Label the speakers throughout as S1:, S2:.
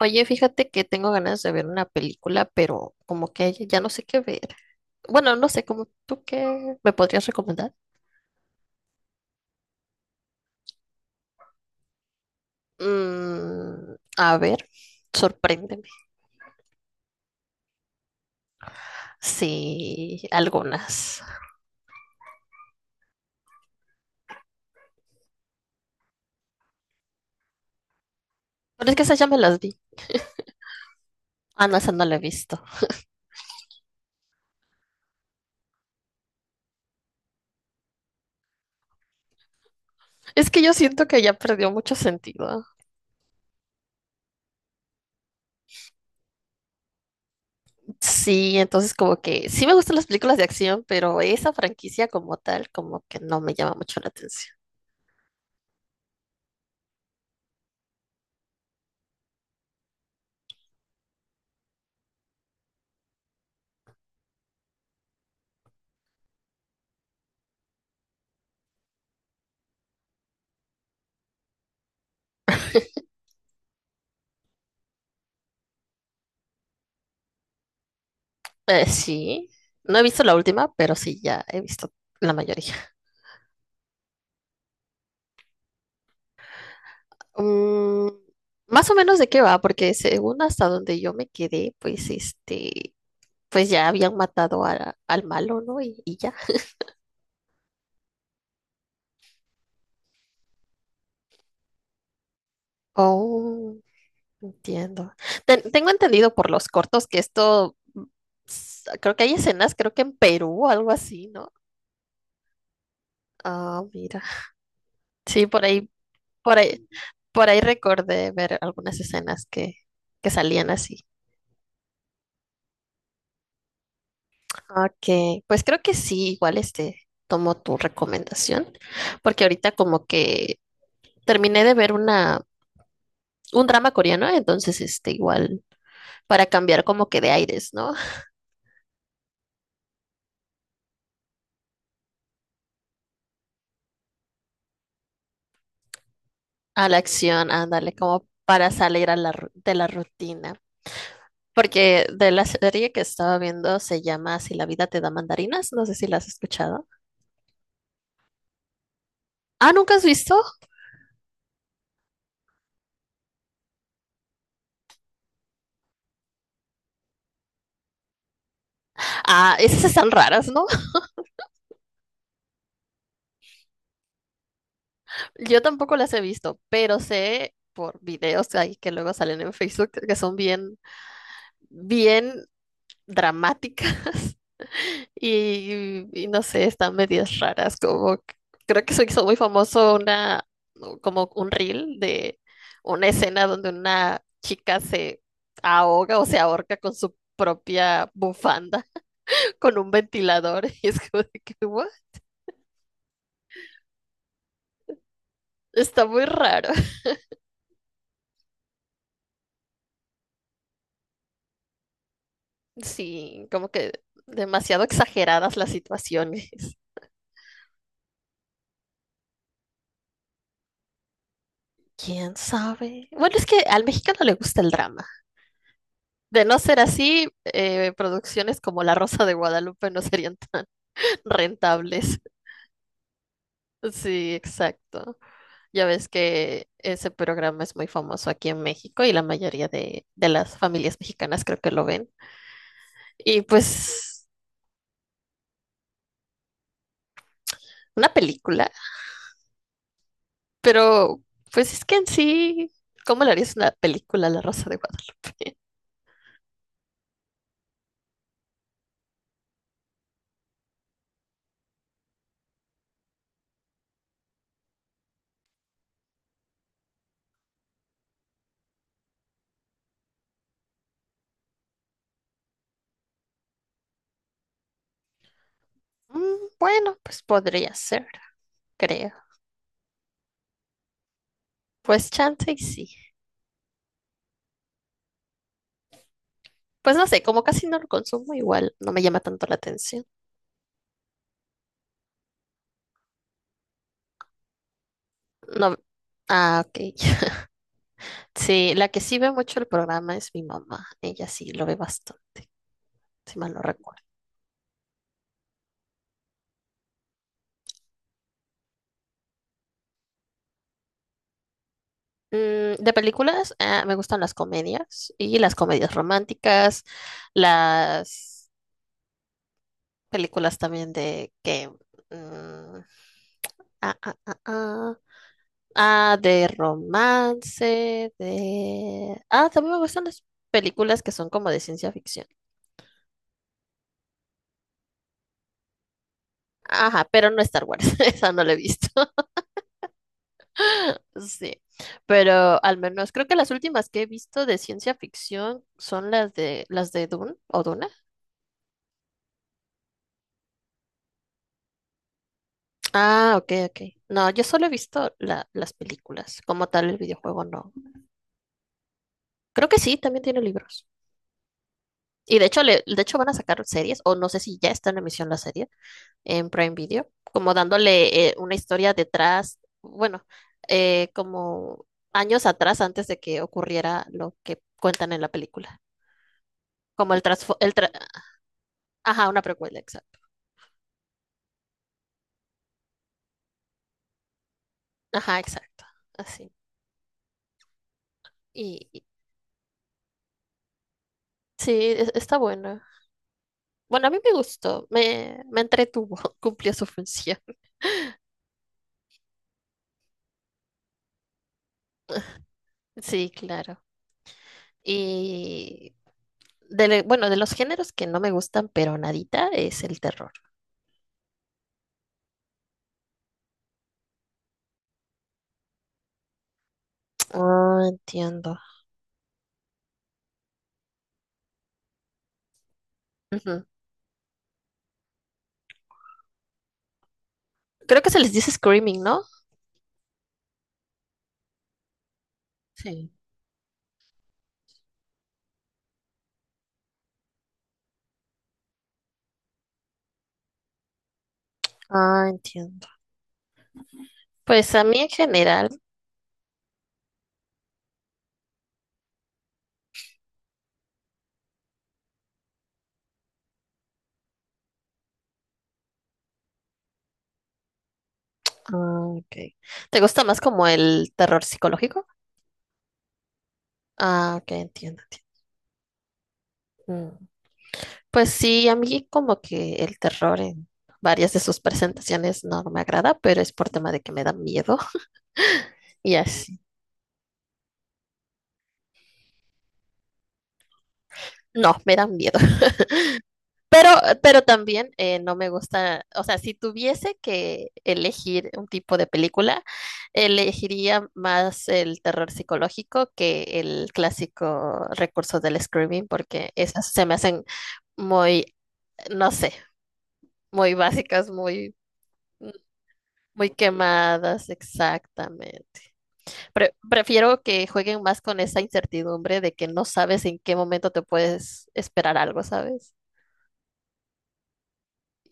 S1: Oye, fíjate que tengo ganas de ver una película, pero como que ya no sé qué ver. Bueno, no sé, como tú qué me podrías recomendar. A ver, sorpréndeme. Sí, algunas. Pero es que esas ya me las vi. Ah, no, esa no la he visto. Es que yo siento que ya perdió mucho sentido. Sí, entonces como que sí me gustan las películas de acción, pero esa franquicia como tal, como que no me llama mucho la atención. Sí, no he visto la última, pero sí, ya he visto la mayoría. Mm, Más o menos de qué va, porque según hasta donde yo me quedé, pues este, pues ya habían matado al malo, ¿no? Y ya. Oh, entiendo. Tengo entendido por los cortos que esto, creo que hay escenas, creo que en Perú o algo así, ¿no? Ah, mira. Sí, por ahí, por ahí, por ahí recordé ver algunas escenas que salían así. Ok, pues creo que sí, igual este, tomo tu recomendación, porque ahorita como que terminé de ver una, un drama coreano, entonces este, igual para cambiar como que de aires, ¿no? A la acción, ándale, como para salir a la, de la rutina, porque de la serie que estaba viendo se llama Si la vida te da mandarinas, no sé si la has escuchado. Ah, ¿nunca has visto? Ah, esas están raras, ¿no? Yo tampoco las he visto, pero sé por videos ahí que luego salen en Facebook que son bien dramáticas. Y, y no sé, están medias raras, como creo que se hizo muy famoso una, como un reel de una escena donde una chica se ahoga o se ahorca con su propia bufanda, con un ventilador, y es como de que, "What?". Está muy raro. Sí, como que demasiado exageradas las situaciones. ¿Quién sabe? Bueno, es que al mexicano le gusta el drama. De no ser así, producciones como La Rosa de Guadalupe no serían tan rentables. Sí, exacto. Ya ves que ese programa es muy famoso aquí en México y la mayoría de las familias mexicanas creo que lo ven. Y pues una película, pero pues es que en sí, ¿cómo le harías una película a La Rosa de Guadalupe? Bueno, pues podría ser, creo. Pues chance y sí. Pues no sé, como casi no lo consumo, igual no me llama tanto la atención. No. Ah, ok. Sí, la que sí ve mucho el programa es mi mamá. Ella sí lo ve bastante, si mal no recuerdo. De películas, ah, me gustan las comedias y las comedias románticas, las películas también de que... mm, ah, ah, ah, ah, de romance, de... Ah, también me gustan las películas que son como de ciencia ficción. Ajá, pero no Star Wars, esa no la he visto. Sí, pero al menos creo que las últimas que he visto de ciencia ficción son las de Dune o Duna. Ah, ok, ok. No, yo solo he visto las películas. Como tal, el videojuego no. Creo que sí, también tiene libros. Y de hecho, le, de hecho van a sacar series, o no sé si ya está en emisión la serie en Prime Video, como dándole una historia detrás, bueno, como años atrás antes de que ocurriera lo que cuentan en la película. Como el, ajá, una precuela, exacto. Ajá, exacto. Así. Y, y- sí, está bueno. Bueno, a mí me gustó, me entretuvo, cumplió su función. Sí, claro. Y de, bueno, de los géneros que no me gustan, pero nadita, es el terror. Ah, entiendo. Ujú. Creo que se les dice screaming, ¿no? Sí. Ah, entiendo. Pues a mí en general, ah, ok. ¿Te gusta más como el terror psicológico? Ah, ok, entiendo. Entiendo. Pues sí, a mí como que el terror en varias de sus presentaciones no, no me agrada, pero es por tema de que me da miedo y así. No, me da miedo. Pero, pero también no me gusta, o sea, si tuviese que elegir un tipo de película, elegiría más el terror psicológico que el clásico recurso del screaming, porque esas se me hacen muy, no sé, muy básicas, muy, muy quemadas, exactamente. Prefiero que jueguen más con esa incertidumbre de que no sabes en qué momento te puedes esperar algo, ¿sabes?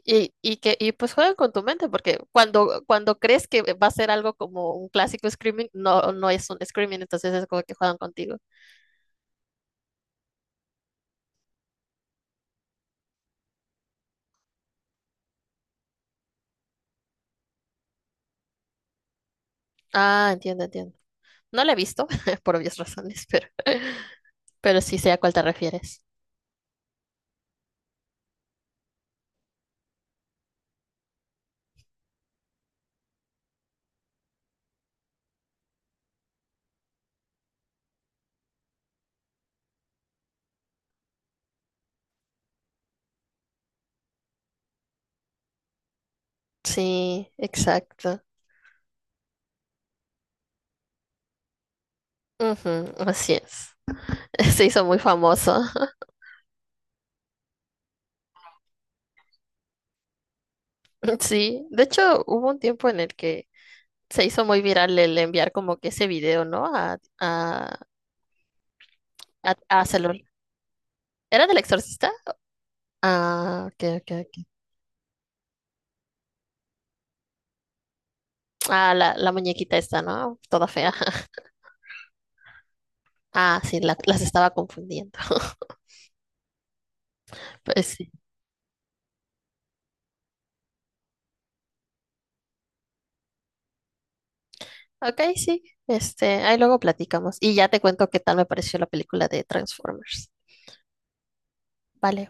S1: Y que y pues juegan con tu mente, porque cuando, cuando crees que va a ser algo como un clásico Screaming, no, no es un Screaming, entonces es como que juegan contigo. Ah, entiendo, entiendo. No la he visto, por obvias razones, pero, pero sí sé a cuál te refieres. Sí, exacto. Ujú, así es. Se hizo muy famoso. Sí, de hecho hubo un tiempo en el que se hizo muy viral el enviar como que ese video, ¿no? A Salón. ¿Era del exorcista? Ah, ok, ok, ok. Ah, la muñequita esta, ¿no? Toda fea. Ah, sí, las estaba confundiendo. Pues sí. Ok, sí. Este, ahí luego platicamos. Y ya te cuento qué tal me pareció la película de Transformers. Vale.